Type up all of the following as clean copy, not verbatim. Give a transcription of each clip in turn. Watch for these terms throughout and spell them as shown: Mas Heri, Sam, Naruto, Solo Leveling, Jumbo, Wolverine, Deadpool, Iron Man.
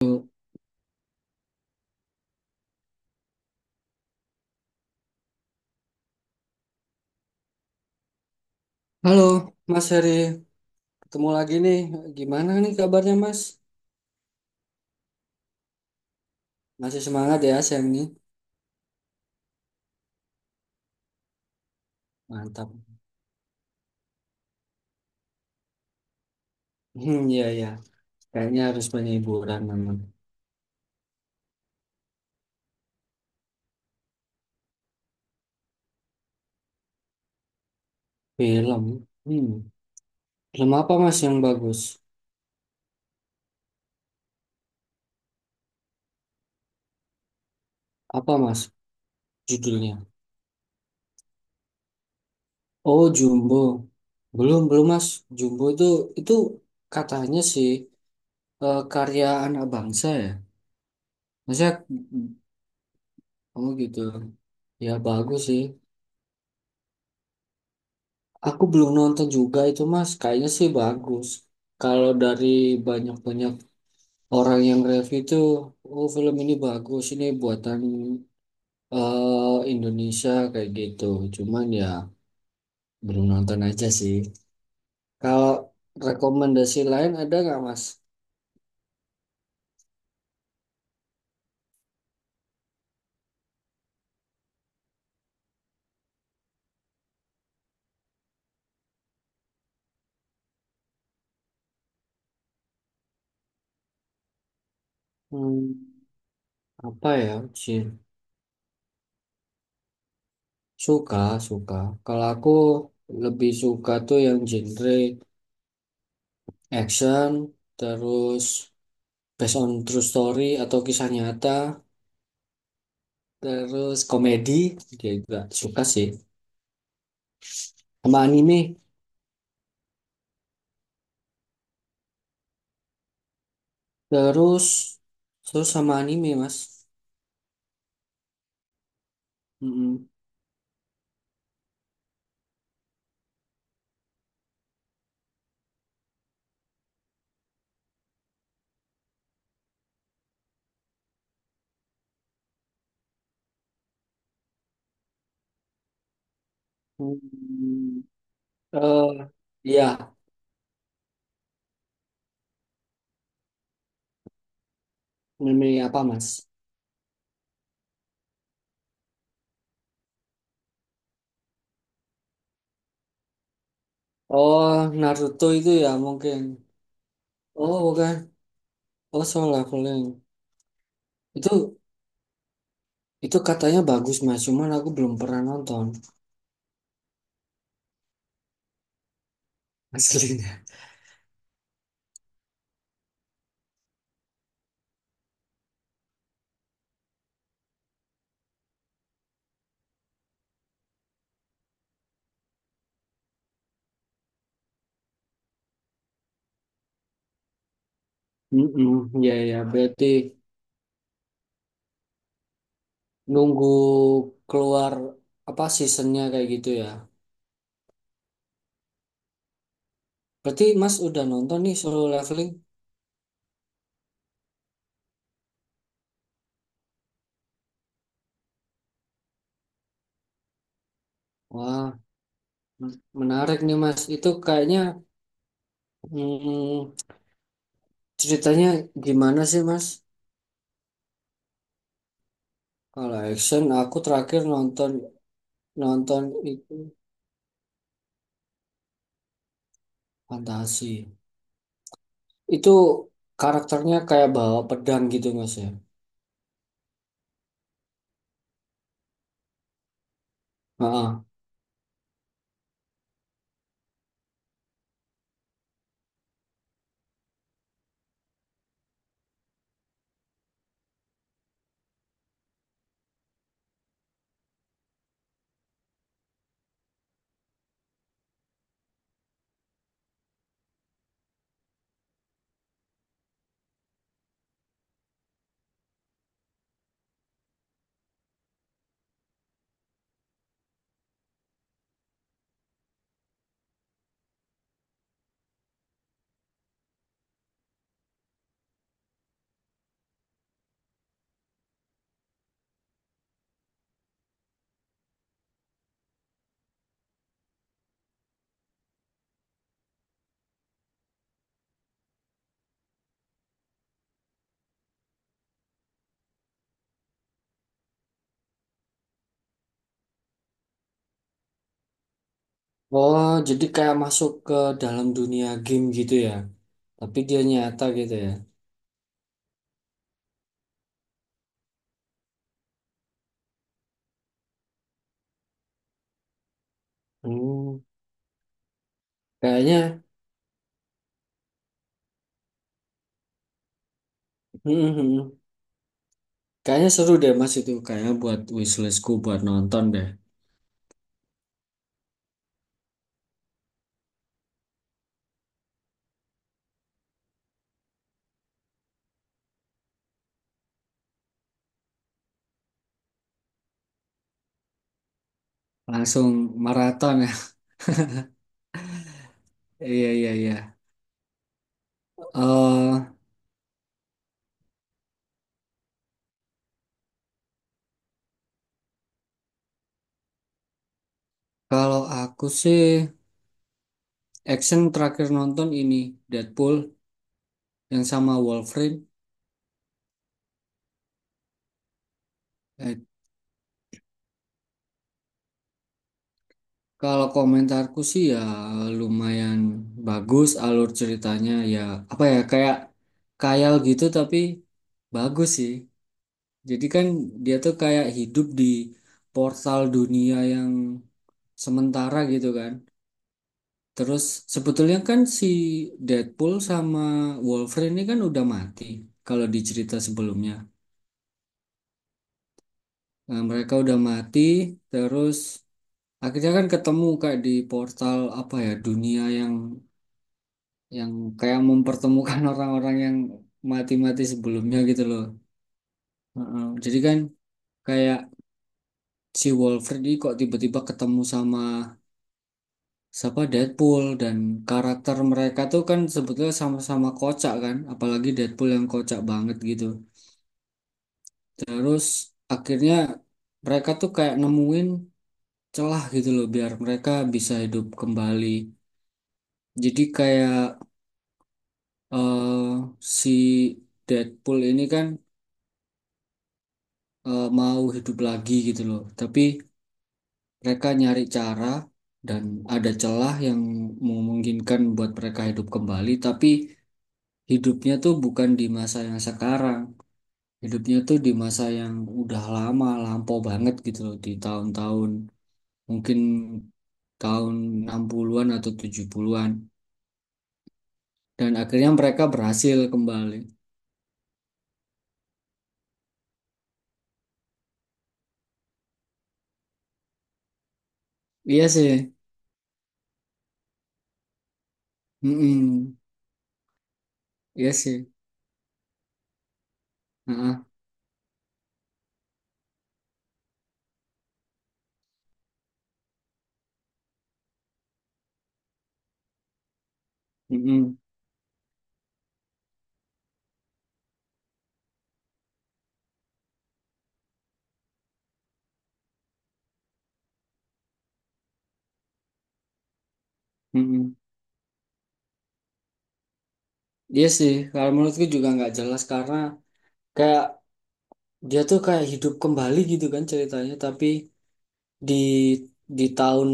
Halo, Mas Heri. Ketemu lagi nih. Gimana nih kabarnya, Mas? Masih semangat ya, Sam nih? Mantap. Iya, iya. Kayaknya harus banyak hiburan memang. Film. Hmm. Film apa, Mas, yang bagus? Apa, Mas, judulnya? Oh, Jumbo. Belum, belum, Mas. Jumbo itu katanya sih karya anak bangsa ya. Maksudnya, hmm, oh gitu. Ya, bagus sih. Aku belum nonton juga itu Mas, kayaknya sih bagus. Kalau dari banyak-banyak orang yang review itu, oh film ini bagus, ini buatan Indonesia kayak gitu. Cuman ya belum nonton aja sih. Kalau rekomendasi lain ada nggak Mas? Hmm, apa ya? Sih? Suka, suka. Kalau aku lebih suka tuh yang genre action, terus based on true story atau kisah nyata. Terus komedi dia juga suka sih. Sama anime. Terus terus sama anime mas. Mm-mm. Hmm. Eh, iya, anime apa mas? Oh, Naruto itu ya mungkin. Oh bukan. Oh, Solo Leveling. Itu itu katanya bagus mas. Cuman aku belum pernah nonton aslinya. Mm-mm. Iya ya berarti nunggu keluar apa seasonnya kayak gitu ya. Berarti Mas udah nonton nih Solo Leveling? Wah, men- menarik nih Mas. Itu kayaknya mm, ceritanya gimana sih Mas? Kalau action, aku terakhir nonton nonton itu fantasi. Itu karakternya kayak bawa pedang gitu Mas ya. Heeh. Oh, jadi kayak masuk ke dalam dunia game gitu ya. Tapi dia nyata gitu ya. Hmm, kayaknya, hmm, hmm, hmm, kayaknya seru deh Mas itu. Kayaknya buat wishlistku buat nonton deh. Langsung maraton ya. Iya, iya, iya. eh Kalau aku sih action terakhir nonton ini Deadpool yang sama Wolverine. Eh, kalau komentarku sih ya lumayan bagus alur ceritanya ya, apa ya, kayak khayal gitu tapi bagus sih. Jadi kan dia tuh kayak hidup di portal dunia yang sementara gitu kan. Terus sebetulnya kan si Deadpool sama Wolverine ini kan udah mati kalau di cerita sebelumnya. Nah, mereka udah mati terus akhirnya kan ketemu kayak di portal apa ya dunia yang kayak mempertemukan orang-orang yang mati-mati sebelumnya gitu loh. Heeh. Jadi kan kayak si Wolverine ini kok tiba-tiba ketemu sama siapa Deadpool dan karakter mereka tuh kan sebetulnya sama-sama kocak kan, apalagi Deadpool yang kocak banget gitu. Terus akhirnya mereka tuh kayak nemuin celah gitu loh biar mereka bisa hidup kembali. Jadi kayak si Deadpool ini kan mau hidup lagi gitu loh. Tapi mereka nyari cara dan ada celah yang memungkinkan buat mereka hidup kembali. Tapi hidupnya tuh bukan di masa yang sekarang. Hidupnya tuh di masa yang udah lama, lampau banget gitu loh. Di tahun-tahun mungkin tahun 60-an atau 70-an dan akhirnya mereka berhasil kembali. Iya sih. Mm-mm. Iya sih. Heeh. Mm-mm. Mm-mm. Iya sih. Kalau menurutku juga nggak jelas karena kayak dia tuh kayak hidup kembali gitu kan ceritanya tapi di di tahun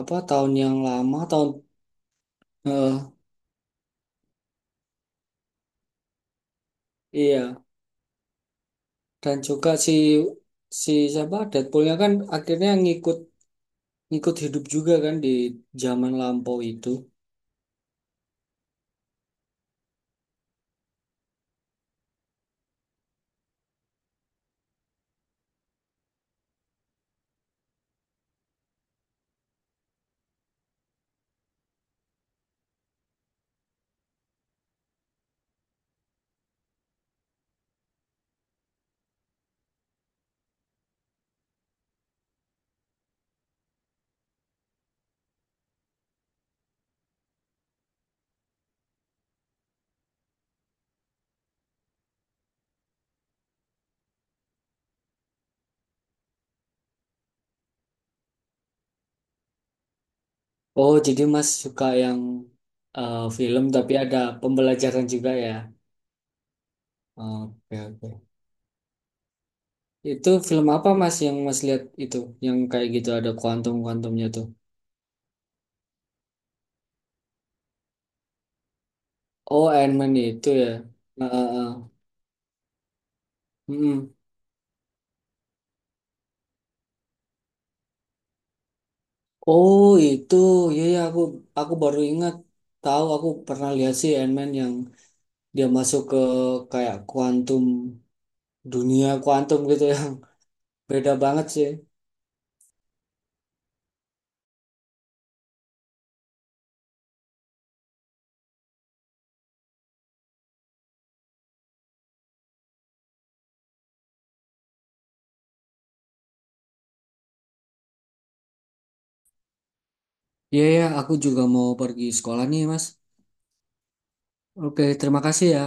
apa tahun yang lama tahun eh, iya dan juga si si siapa Deadpoolnya kan akhirnya ngikut ngikut hidup juga kan di zaman lampau itu. Oh, jadi Mas suka yang film tapi ada pembelajaran juga ya. Oke, oke. Itu film apa Mas yang Mas lihat itu? Yang kayak gitu ada kuantum-kuantumnya tuh. Oh, Iron Man itu ya. Heeh, heeh. Mm-mm. Oh, itu. Iya, ya, aku baru ingat. Tahu aku pernah lihat sih Iron Man yang dia masuk ke kayak kuantum dunia kuantum gitu yang beda banget sih. Iya, ya, aku juga mau pergi sekolah nih, Mas. Oke, terima kasih ya.